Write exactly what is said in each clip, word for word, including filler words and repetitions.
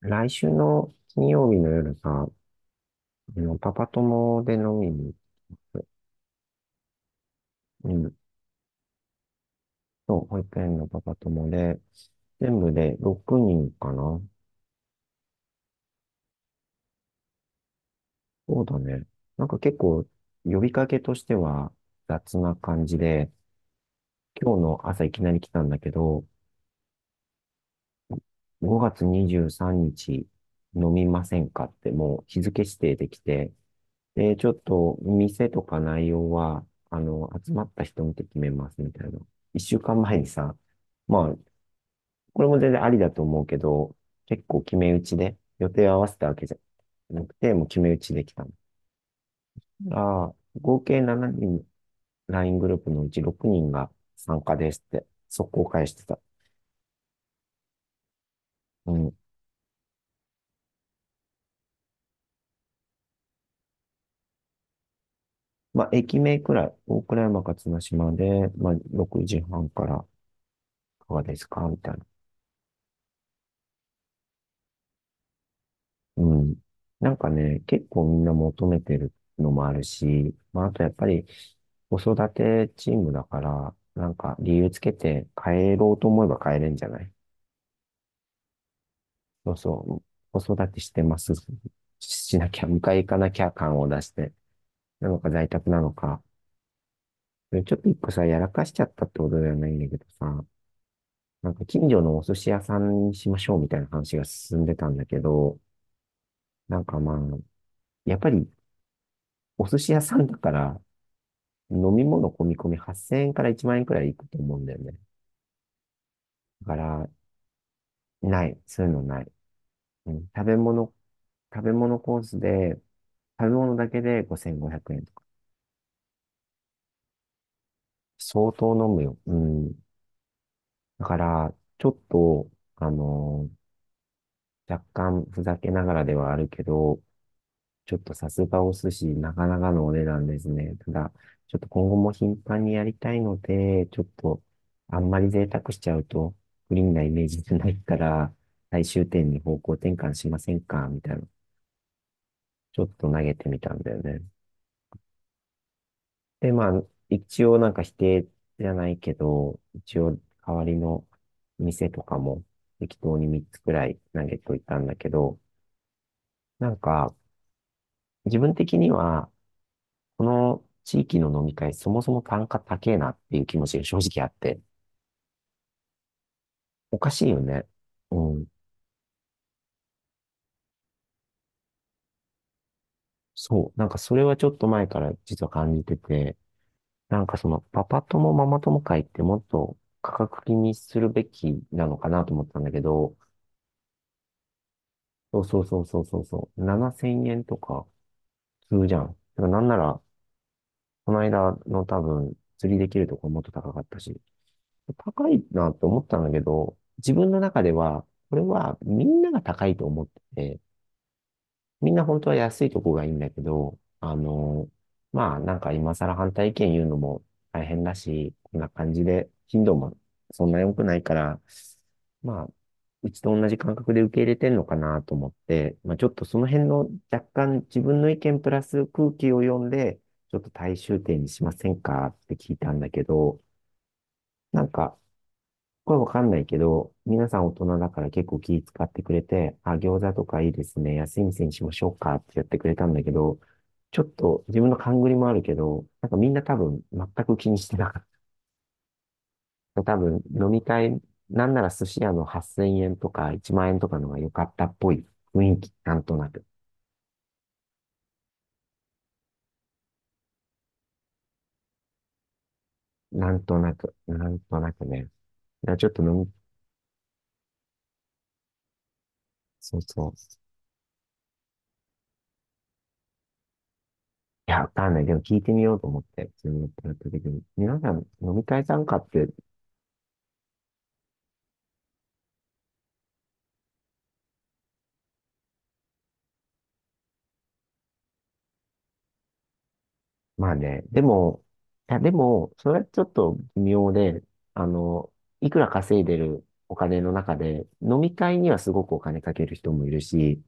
来週の金曜日の夜が、あの、パパ友で飲みに行く。うん。そう、保育園のパパ友で、全部でろくにんかな。そうだね。なんか結構、呼びかけとしては雑な感じで、今日の朝いきなり来たんだけど、ごがつにじゅうさんにち飲みませんかってもう日付指定できて、で、ちょっと店とか内容は、あの、集まった人見て決めますみたいな。一週間前にさ、まあ、これも全然ありだと思うけど、結構決め打ちで、予定を合わせたわけじゃなくて、もう決め打ちできたの。ああ、合計しちにん、ライン グループのうちろくにんが参加ですって、速攻返してた。うん。まあ、駅名くらい、大倉山か綱島で、まあ、ろくじはんから、いかがですかみたいな。うん。なんかね、結構みんな求めてるのもあるし、まあ、あとやっぱり子育てチームだから、なんか理由つけて帰ろうと思えば帰れんじゃない？そうそう。子育てしてます。しなきゃ、迎え行かなきゃ感を出して。なのか在宅なのか。ちょっと一個さ、やらかしちゃったってことではないんだけどさ、なんか近所のお寿司屋さんにしましょうみたいな話が進んでたんだけど、なんかまあ、やっぱりお寿司屋さんだから、飲み物込み込みはっせんえんからいちまん円くらいいくと思うんだよね。だから、ない。そういうのない。うん、食べ物、食べ物コースで、食べ物だけでごせんごひゃくえんとか。相当飲むよ。うん。だから、ちょっと、あの若干ふざけながらではあるけど、ちょっとさすがお寿司、なかなかのお値段ですね。ただ、ちょっと今後も頻繁にやりたいので、ちょっと、あんまり贅沢しちゃうと、不ンなイメージじゃないから、最終点に方向転換しませんかみたいな、ちょっと投げてみたんだよね。で、まあ、一応なんか否定じゃないけど、一応代わりの店とかも適当にみっつくらい投げといたんだけど、なんか、自分的には、この地域の飲み会、そもそも単価高えなっていう気持ちが正直あって、おかしいよね。うん。そう。なんかそれはちょっと前から実は感じてて、なんかそのパパ友ママ友会ってもっと価格気にするべきなのかなと思ったんだけど、そうそうそうそうそうそう、ななせんえんとかするじゃん。だからなんなら、この間の多分釣りできるところもっと高かったし、高いなと思ったんだけど、自分の中では、これはみんなが高いと思ってて、みんな本当は安いとこがいいんだけど、あの、まあなんか今更反対意見言うのも大変だし、こんな感じで頻度もそんな良くないから、まあ、うちと同じ感覚で受け入れてんのかなと思って、まあちょっとその辺の若干自分の意見プラス空気を読んで、ちょっと大衆点にしませんかって聞いたんだけど、なんかこれわかんないけど、皆さん大人だから結構気使ってくれて、あ、餃子とかいいですね。安い店にしましょうかってやってくれたんだけど、ちょっと自分の勘繰りもあるけど、なんかみんな多分全く気にしてなかった。多分飲み会、なんなら寿司屋のはっせんえんとかいちまん円とかのが良かったっぽい雰囲気、なんとなく。なんとなく、なんとなくね。だからちょっと飲み、そうそう。いや、わかんない。でも聞いてみようと思って、自分のプラット的に。皆さん飲み会参加って、まあね、でも、いや、でも、それはちょっと微妙で、あの、いくら稼いでるお金の中で、飲み会にはすごくお金かける人もいるし、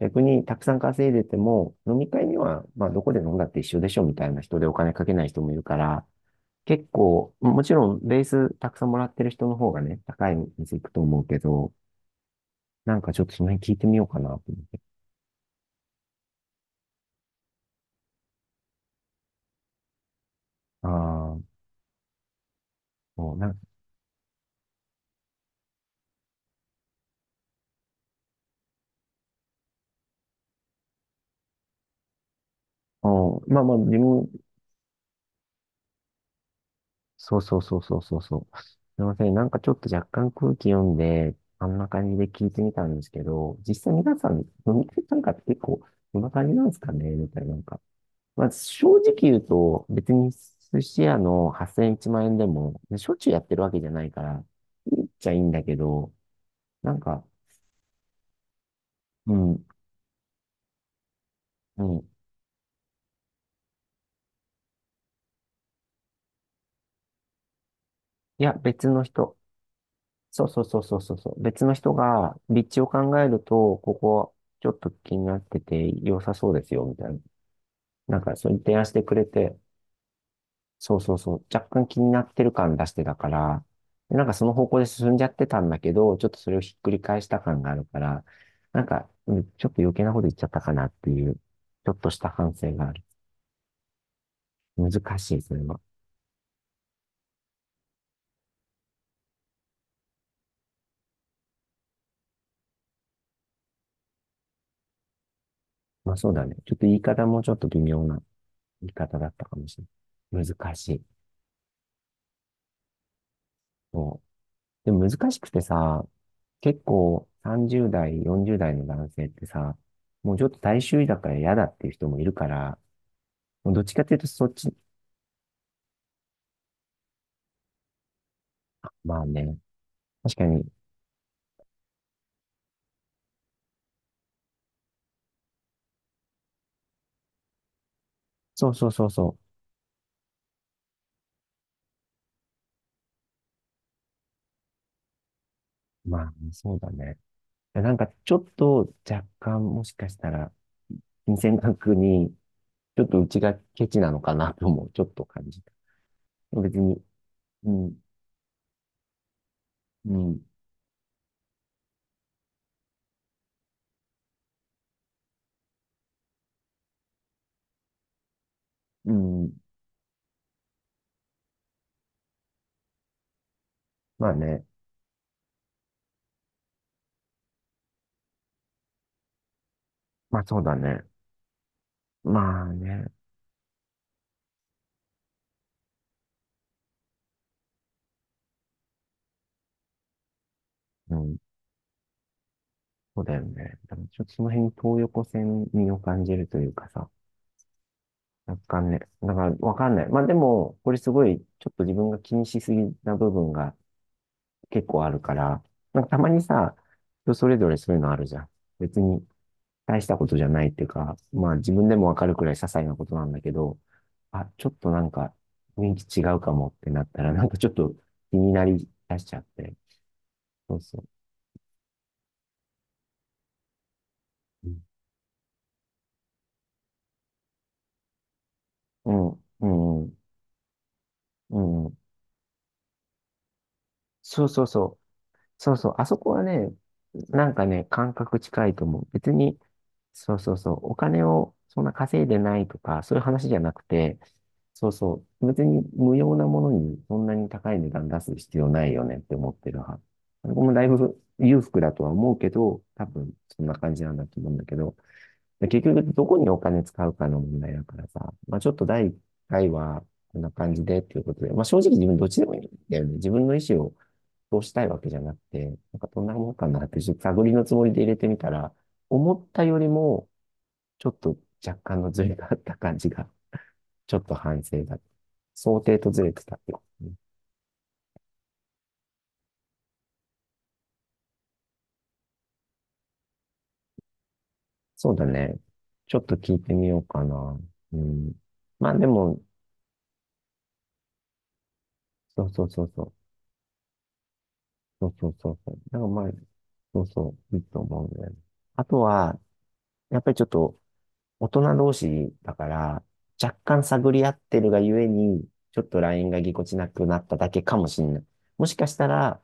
逆にたくさん稼いでても、飲み会には、まあ、どこで飲んだって一緒でしょみたいな人でお金かけない人もいるから、結構、もちろん、ベースたくさんもらってる人の方がね、高い店行くと思うけど、なんかちょっとその辺聞いてみようかなと思って。ああ、もう、なんか、うん、まあまあ、自分、そうそうそうそうそうそう。すいません。なんかちょっと若干空気読んで、あんな感じで聞いてみたんですけど、実際皆さん、飲み会なんかって結構、こんな感じなんですかねみたいな。なんか、まあ正直言うと、別に寿司屋のはっせん、 いちまん円でも、しょっちゅうやってるわけじゃないから、言っちゃいいんだけど、なんか、うん、うん。いや、別の人。そうそうそうそうそうそう。別の人が、立地を考えると、ここ、ちょっと気になってて、良さそうですよ、みたいな。なんか、そう提案してくれて、そうそうそう、若干気になってる感出してたから、でなんかその方向で進んじゃってたんだけど、ちょっとそれをひっくり返した感があるから、なんか、うん、ちょっと余計なこと言っちゃったかなっていう、ちょっとした反省がある。難しい、それは。まあそうだね。ちょっと言い方もちょっと微妙な言い方だったかもしれない。難しい。そう。でも難しくてさ、結構さんじゅう代、よんじゅう代の男性ってさ、もうちょっと大衆だから嫌だっていう人もいるから、どっちかっていうと、そっち、まあね、確かに、そうそうそうそう、まあ、そうだね。なんか、ちょっと若干、もしかしたら、金銭額に、ちょっとうちがケチなのかなとも、ちょっと感じた。別に、うん、うん、うん、まあね、まあそうだね。まあね、うん、そうだよね。だからちょっとその辺、東横線味を感じるというかさ、若干ね、だからわかんない。まあでも、これすごい、ちょっと自分が気にしすぎな部分が、結構あるから、なんかたまにさ、人それぞれそういうのあるじゃん。別に大したことじゃないっていうか、まあ自分でもわかるくらい些細なことなんだけど、あ、ちょっとなんか雰囲気違うかもってなったら、なんかちょっと気になり出しちゃって。そうそう。うん、うん、うん。うん、そうそうそう。そうそう、あそこはね、なんかね、感覚近いと思う。別に、そうそうそう、お金をそんな稼いでないとか、そういう話じゃなくて、そうそう、別に無用なものにそんなに高い値段出す必要ないよねって思ってる派。僕もだいぶ裕福だとは思うけど、多分そんな感じなんだと思うんだけど、で結局、どこにお金使うかの問題だからさ、まあちょっと第一回はこんな感じでっていうことで、まあ正直自分どっちでもいいんだよね。自分の意思を通したいわけじゃなくて、なんかどんなもんかなって、ちょっと探りのつもりで入れてみたら、思ったよりもちょっと若干のズレがあった感じが、ちょっと反省だ。想定とずれてたってことね。そうだね。ちょっと聞いてみようかな。うん。まあでも、そうそうそうそう。そうそうそうそう。だからまあ、そうそう、いいと思うんだよね。あとは、やっぱりちょっと、大人同士だから、若干探り合ってるがゆえに、ちょっと ライン がぎこちなくなっただけかもしんない。もしかしたら、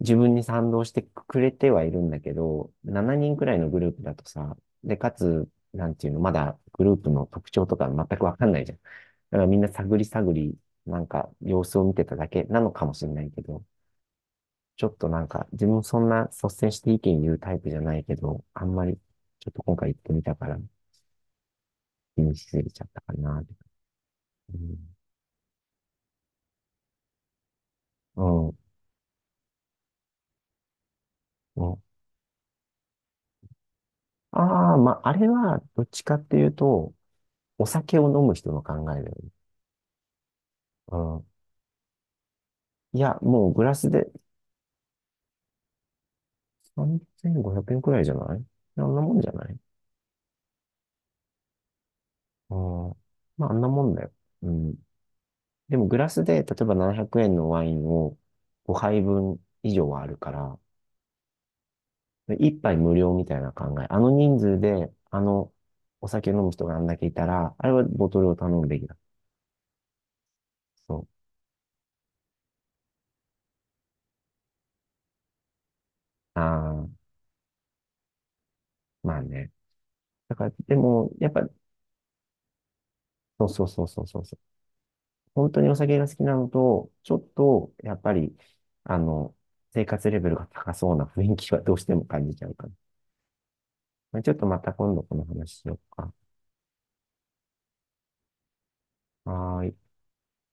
自分に賛同してくれてはいるんだけど、ななにんくらいのグループだとさ、で、かつ、なんていうの、まだグループの特徴とか全くわかんないじゃん。だからみんな探り探り、なんか様子を見てただけなのかもしれないけど、ちょっとなんか、自分そんな率先して意見言うタイプじゃないけど、あんまり、ちょっと今回行ってみたから、気にしすぎちゃったかなって。うん。うん。ああー、まあ、あれは、どっちかっていうと、お酒を飲む人の考えだよね。うん。いや、もうグラスでさんぜんごひゃくえんくえんくらいじゃない？あんなもんじゃない？うん。まあ、あんなもんだよ。うん。でも、グラスで、例えばななひゃくえんのワインをごはいぶん以上はあるから、一杯無料みたいな考え。あの人数で、あの、お酒飲む人があんだけいたら、あれはボトルを頼むべきだ。そう。ああ、まあね。だから、でも、やっぱ、そうそうそうそうそうそう。本当にお酒が好きなのと、ちょっと、やっぱり、あの、生活レベルが高そうな雰囲気はどうしても感じちゃうから。まあちょっとまた今度この話しようか。はーい。